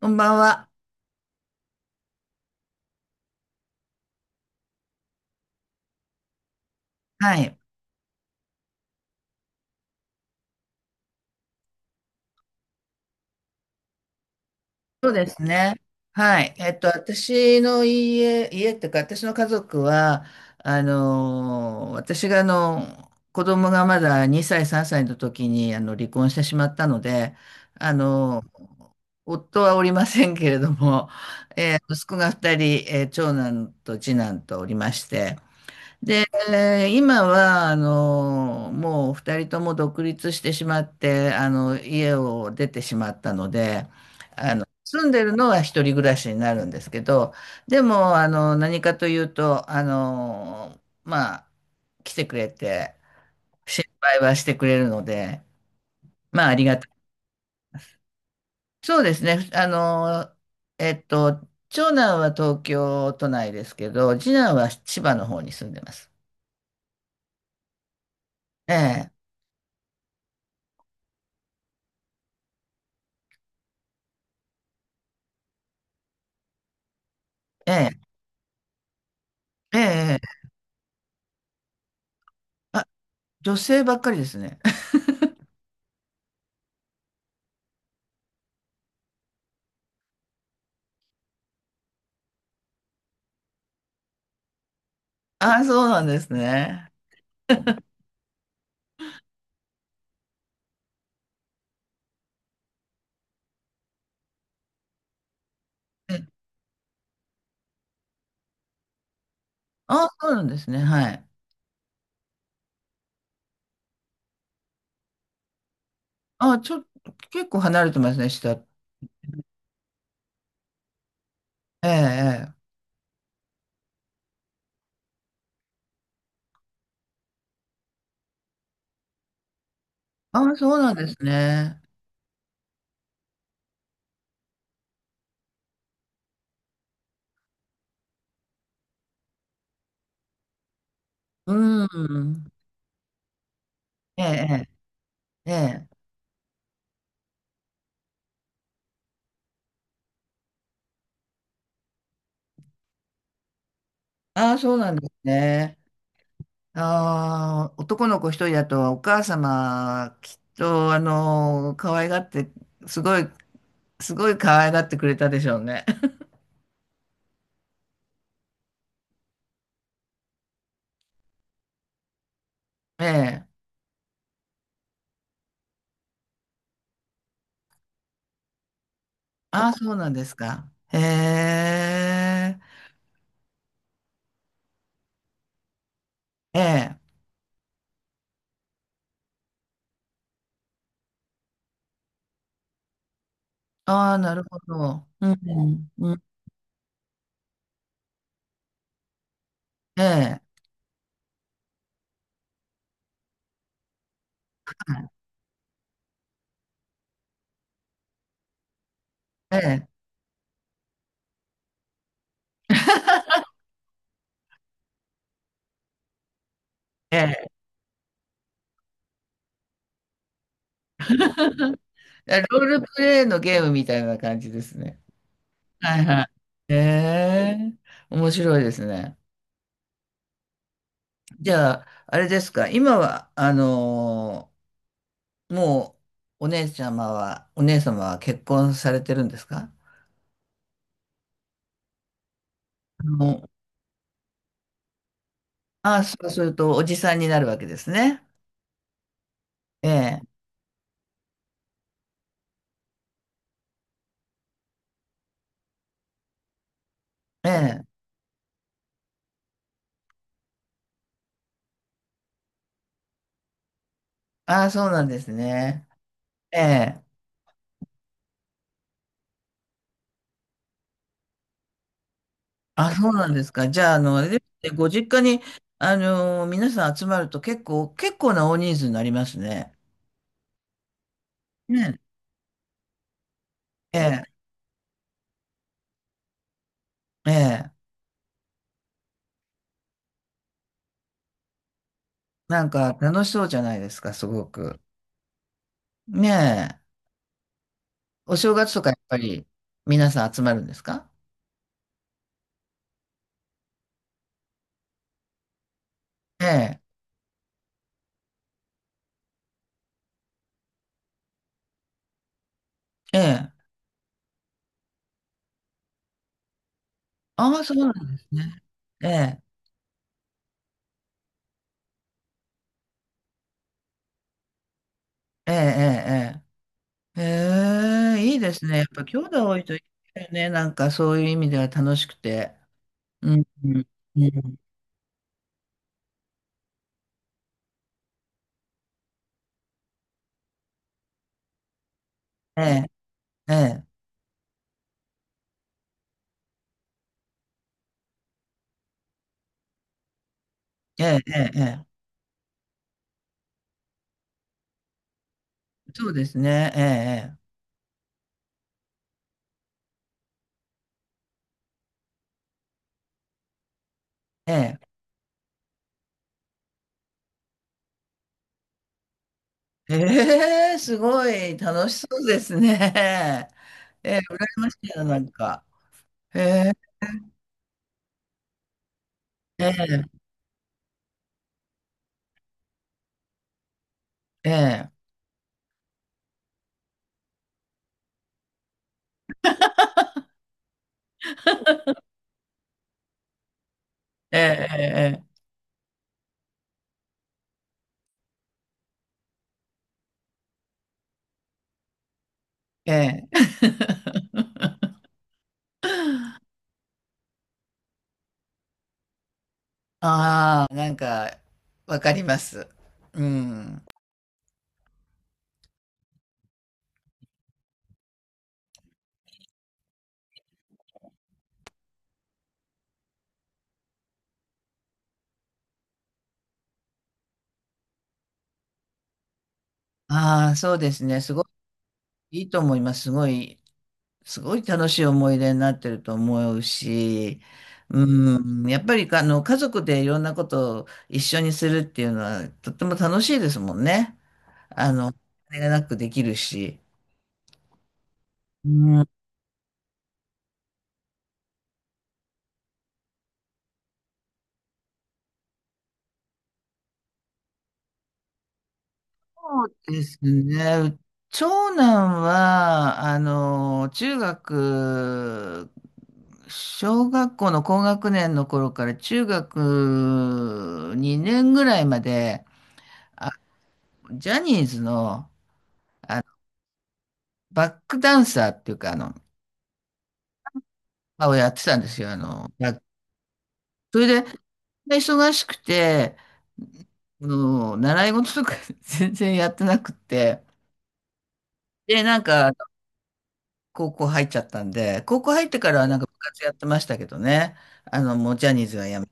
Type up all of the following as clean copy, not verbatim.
こんばんは。はい。そうですね。はい。私の家っていうか、私の家族は、私が子供がまだ2歳、3歳の時に、離婚してしまったので、あのー、夫はおりませんけれども、息子が2人、長男と次男とおりまして、で、今は、もう二人とも独立してしまって、家を出てしまったので、住んでるのは一人暮らしになるんですけど、でも、何かというと、まあ、来てくれて、心配はしてくれるので、まあ、ありがたい。そうですね、えっと、長男は東京都内ですけど、次男は千葉の方に住んでます。ええ、ええ、ええ、ええ。女性ばっかりですね。あ、そうなんですね。えあ、そうなんですね。はい。あ、ちょっと、結構離れてますね、下。ええ、ええ。あ、そうなんですね。うん。ええ、ええ。えあ、そうなんですね。あー、男の子一人だと、お母様、きっと、可愛がって、すごい、すごい可愛がってくれたでしょうね。ええ。あ、そうなんですか。へえ。ええ。ああ、なるほど。うん、うん、ええ、ええ、ええ。ロールプレイのゲームみたいな感じですね。はいはい。ええ、面白いですね。じゃあ、あれですか、今は、あのーもう、お姉様は結婚されてるんですか？あの、ああ、そうすると、おじさんになるわけですね。ええ、ええ。ああ、そうなんですね。ええ。あ、そうなんですか。じゃあ、あれですね、ご実家に、皆さん集まると結構な大人数になりますね。ねえ。ええ。ええ。なんか、楽しそうじゃないですか、すごく。ねえ。お正月とか、やっぱり、皆さん集まるんですか？ええ。ええ。ああ、そうなんですね。ええ。ええ、ええ、ええ。ええ、いいですね。やっぱ、兄弟多いといいですよね。なんか、そういう意味では楽しくて。うん。うん。うん、ええ。ええ。ええ。ええ。ええ、そうですね。ええ、ええ、ええ、ええ、すごい楽しそうですね。ええ、羨ましいな、なんか。ええ、ええ、ええ、ええ、ええ、ええ ああ、なんか、わかります。うん。ああ、そうですね。すごいいいと思います。すごい楽しい思い出になってると思うし、うん、やっぱりあの家族でいろんなことを一緒にするっていうのはとっても楽しいですもんね。あれがなくできるし。うん、そうですね。長男は、小学校の高学年の頃から中学2年ぐらいまで、ジャニーズのバックダンサーっていうか、あをやってたんですよ。それで、忙しくて、習い事とか 全然やってなくて、で、なんか、高校入っちゃったんで、高校入ってからはなんか部活やってましたけどね。あの、もうジャニーズはやめ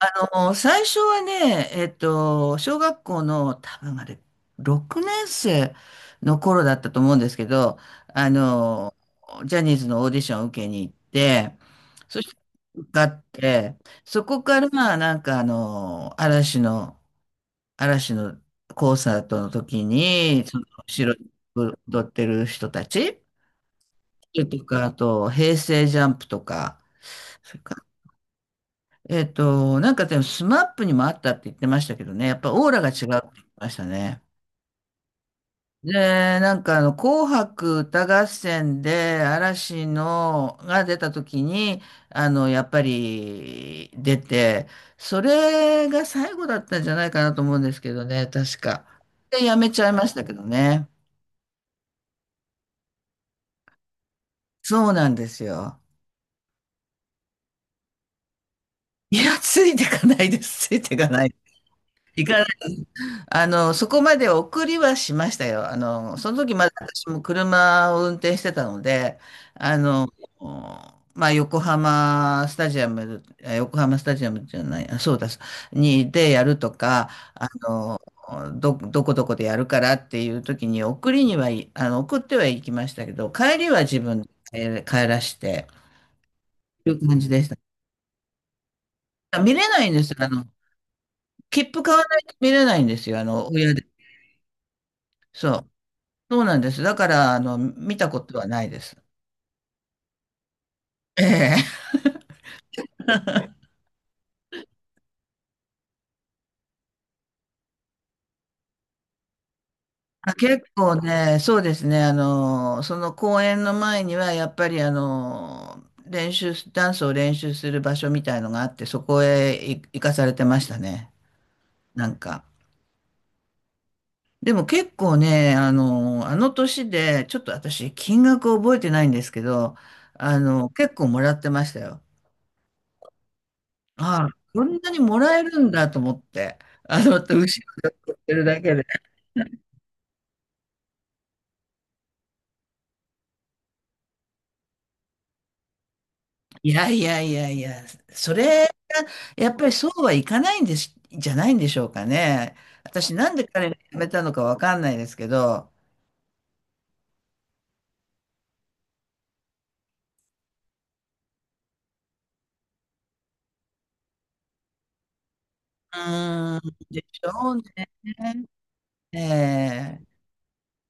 あの、最初はね、小学校の多分あれ、6年生の頃だったと思うんですけど、あの、ジャニーズのオーディションを受けに行って、そして受かって、そこからなんかあの、嵐の、嵐のコンサートの時に、その後ろに踊ってる人たちとか、あと、平成ジャンプとか、それからでもスマップにもあったって言ってましたけどね、やっぱオーラが違うって言ってましたね。で、紅白歌合戦で嵐のが出た時に、やっぱり出て、それが最後だったんじゃないかなと思うんですけどね、確か。で、やめちゃいましたけどね。そうなんですよ。いや、ついてかないです。ついてかない。行かあの、そこまで送りはしましたよ。その時まだ私も車を運転してたので、あの、横浜スタジアム、横浜スタジアムじゃない、あ、そうだ、に、でやるとか、あの、どこどこでやるからっていう時に送りに、はい、送ってはいきましたけど、帰りは自分で帰らして、という感じでした。見れないんですよ。あの、切符買わないと見れないんですよ。あの、親で。そう。そうなんです。だから、あの、見たことはないです。ええ。あ、結構ね、そうですね、その公演の前には、やっぱり、あの、練習す、ダンスを練習する場所みたいのがあって、そこへ行かされてましたね、なんか。でも結構ね、あの年で、ちょっと私、金額覚えてないんですけど、あの、結構もらってましたよ。ああ、こんなにもらえるんだと思って、あの、後ろで踊ってるだけで。いやいやいやいや、それが、やっぱりそうはいかないんです、じゃないんでしょうかね。私、なんで彼が辞めたのかわかんないですけど。うーん、でしょうね。ええ、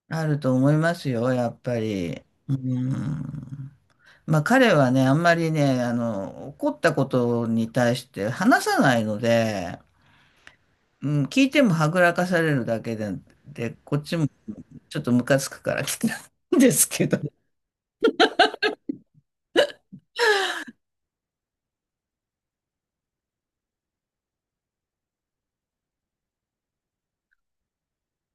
あると思いますよ、やっぱり。うん。まあ、彼はね、あんまりね、怒ったことに対して話さないので、うん、聞いてもはぐらかされるだけで、で、こっちもちょっとムカつくから来たんですけど。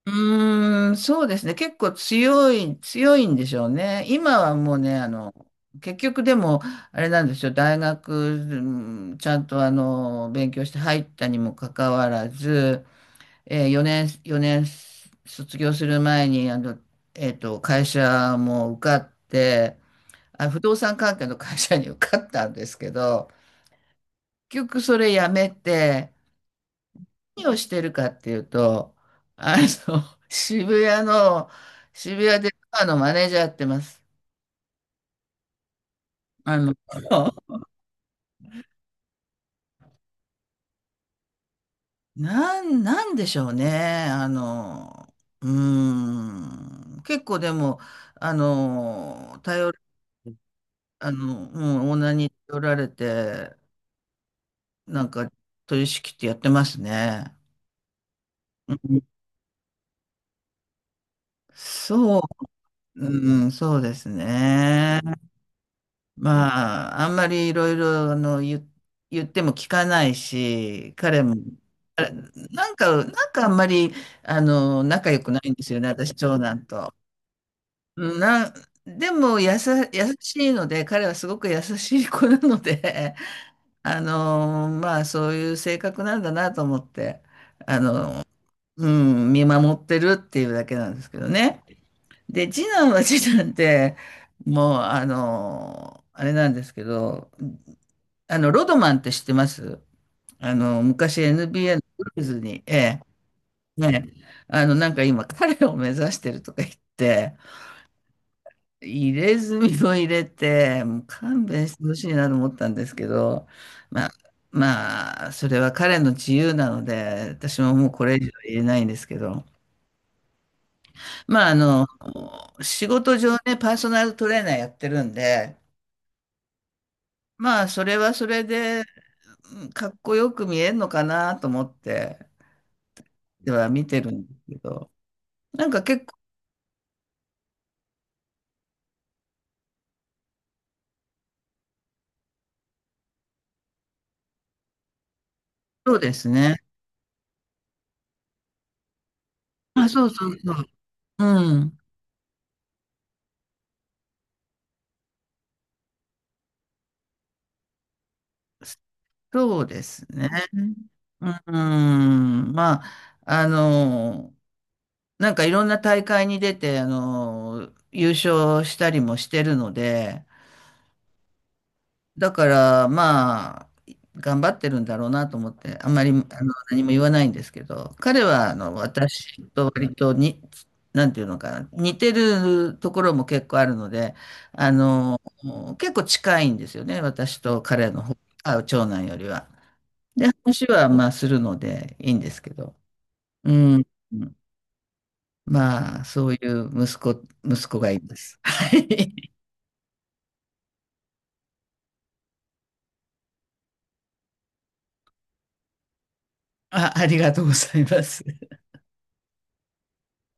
うーん、そうですね。結構強い、強いんでしょうね。今はもうね、あの、結局でも、あれなんですよ。大学、うんちゃんと勉強して入ったにもかかわらず、え4年、4年卒業する前に、会社も受かって、あ、不動産関係の会社に受かったんですけど、結局それ辞めて、何をしてるかっていうと、あの、渋谷の、渋谷でバーのマネージャーやってます。あの、なんでしょうね。あの、うーん、結構でも、あの、頼る、あの、うん、オーナーに頼られて、なんか、取り仕切ってやってますね。うんそそうですね。まあ、あんまりいろいろあの言、言っても聞かないし、彼も、あれなんか、あんまりあの仲良くないんですよね、私、長男と。うんな、でも優しいので、彼はすごく優しい子なので、まあ、そういう性格なんだなと思って、あの、うん、見守ってるっていうだけなんですけどね。で、次男は次男で、もう、あれなんですけど、あの、ロドマンって知ってます？あの、昔 NBA のブルーズに、ええ、ね、なんか今彼を目指してるとか言って、入れ墨を入れて、もう勘弁してほしいなと思ったんですけど、まあ、まあ、それは彼の自由なので、私ももうこれ以上言えないんですけど、まあ、仕事上ね、パーソナルトレーナーやってるんで、まあ、それはそれで、うん、かっこよく見えるのかなと思って、では見てるんですけど、なんか結構そうですね。あ、そうそうそう。うん。そうですね。うん。まあ、なんかいろんな大会に出て、優勝したりもしてるので、だから、まあ、頑張ってるんだろうなと思って、あんまり、何も言わないんですけど、彼は、私と割とに、なんていうのかな、似てるところも結構あるので、あの、結構近いんですよね、私と彼の方、あ、長男よりは。で、話は、まあ、するのでいいんですけど、うん、まあ、そういう息子がいます。はい。あ、ありがとうございます。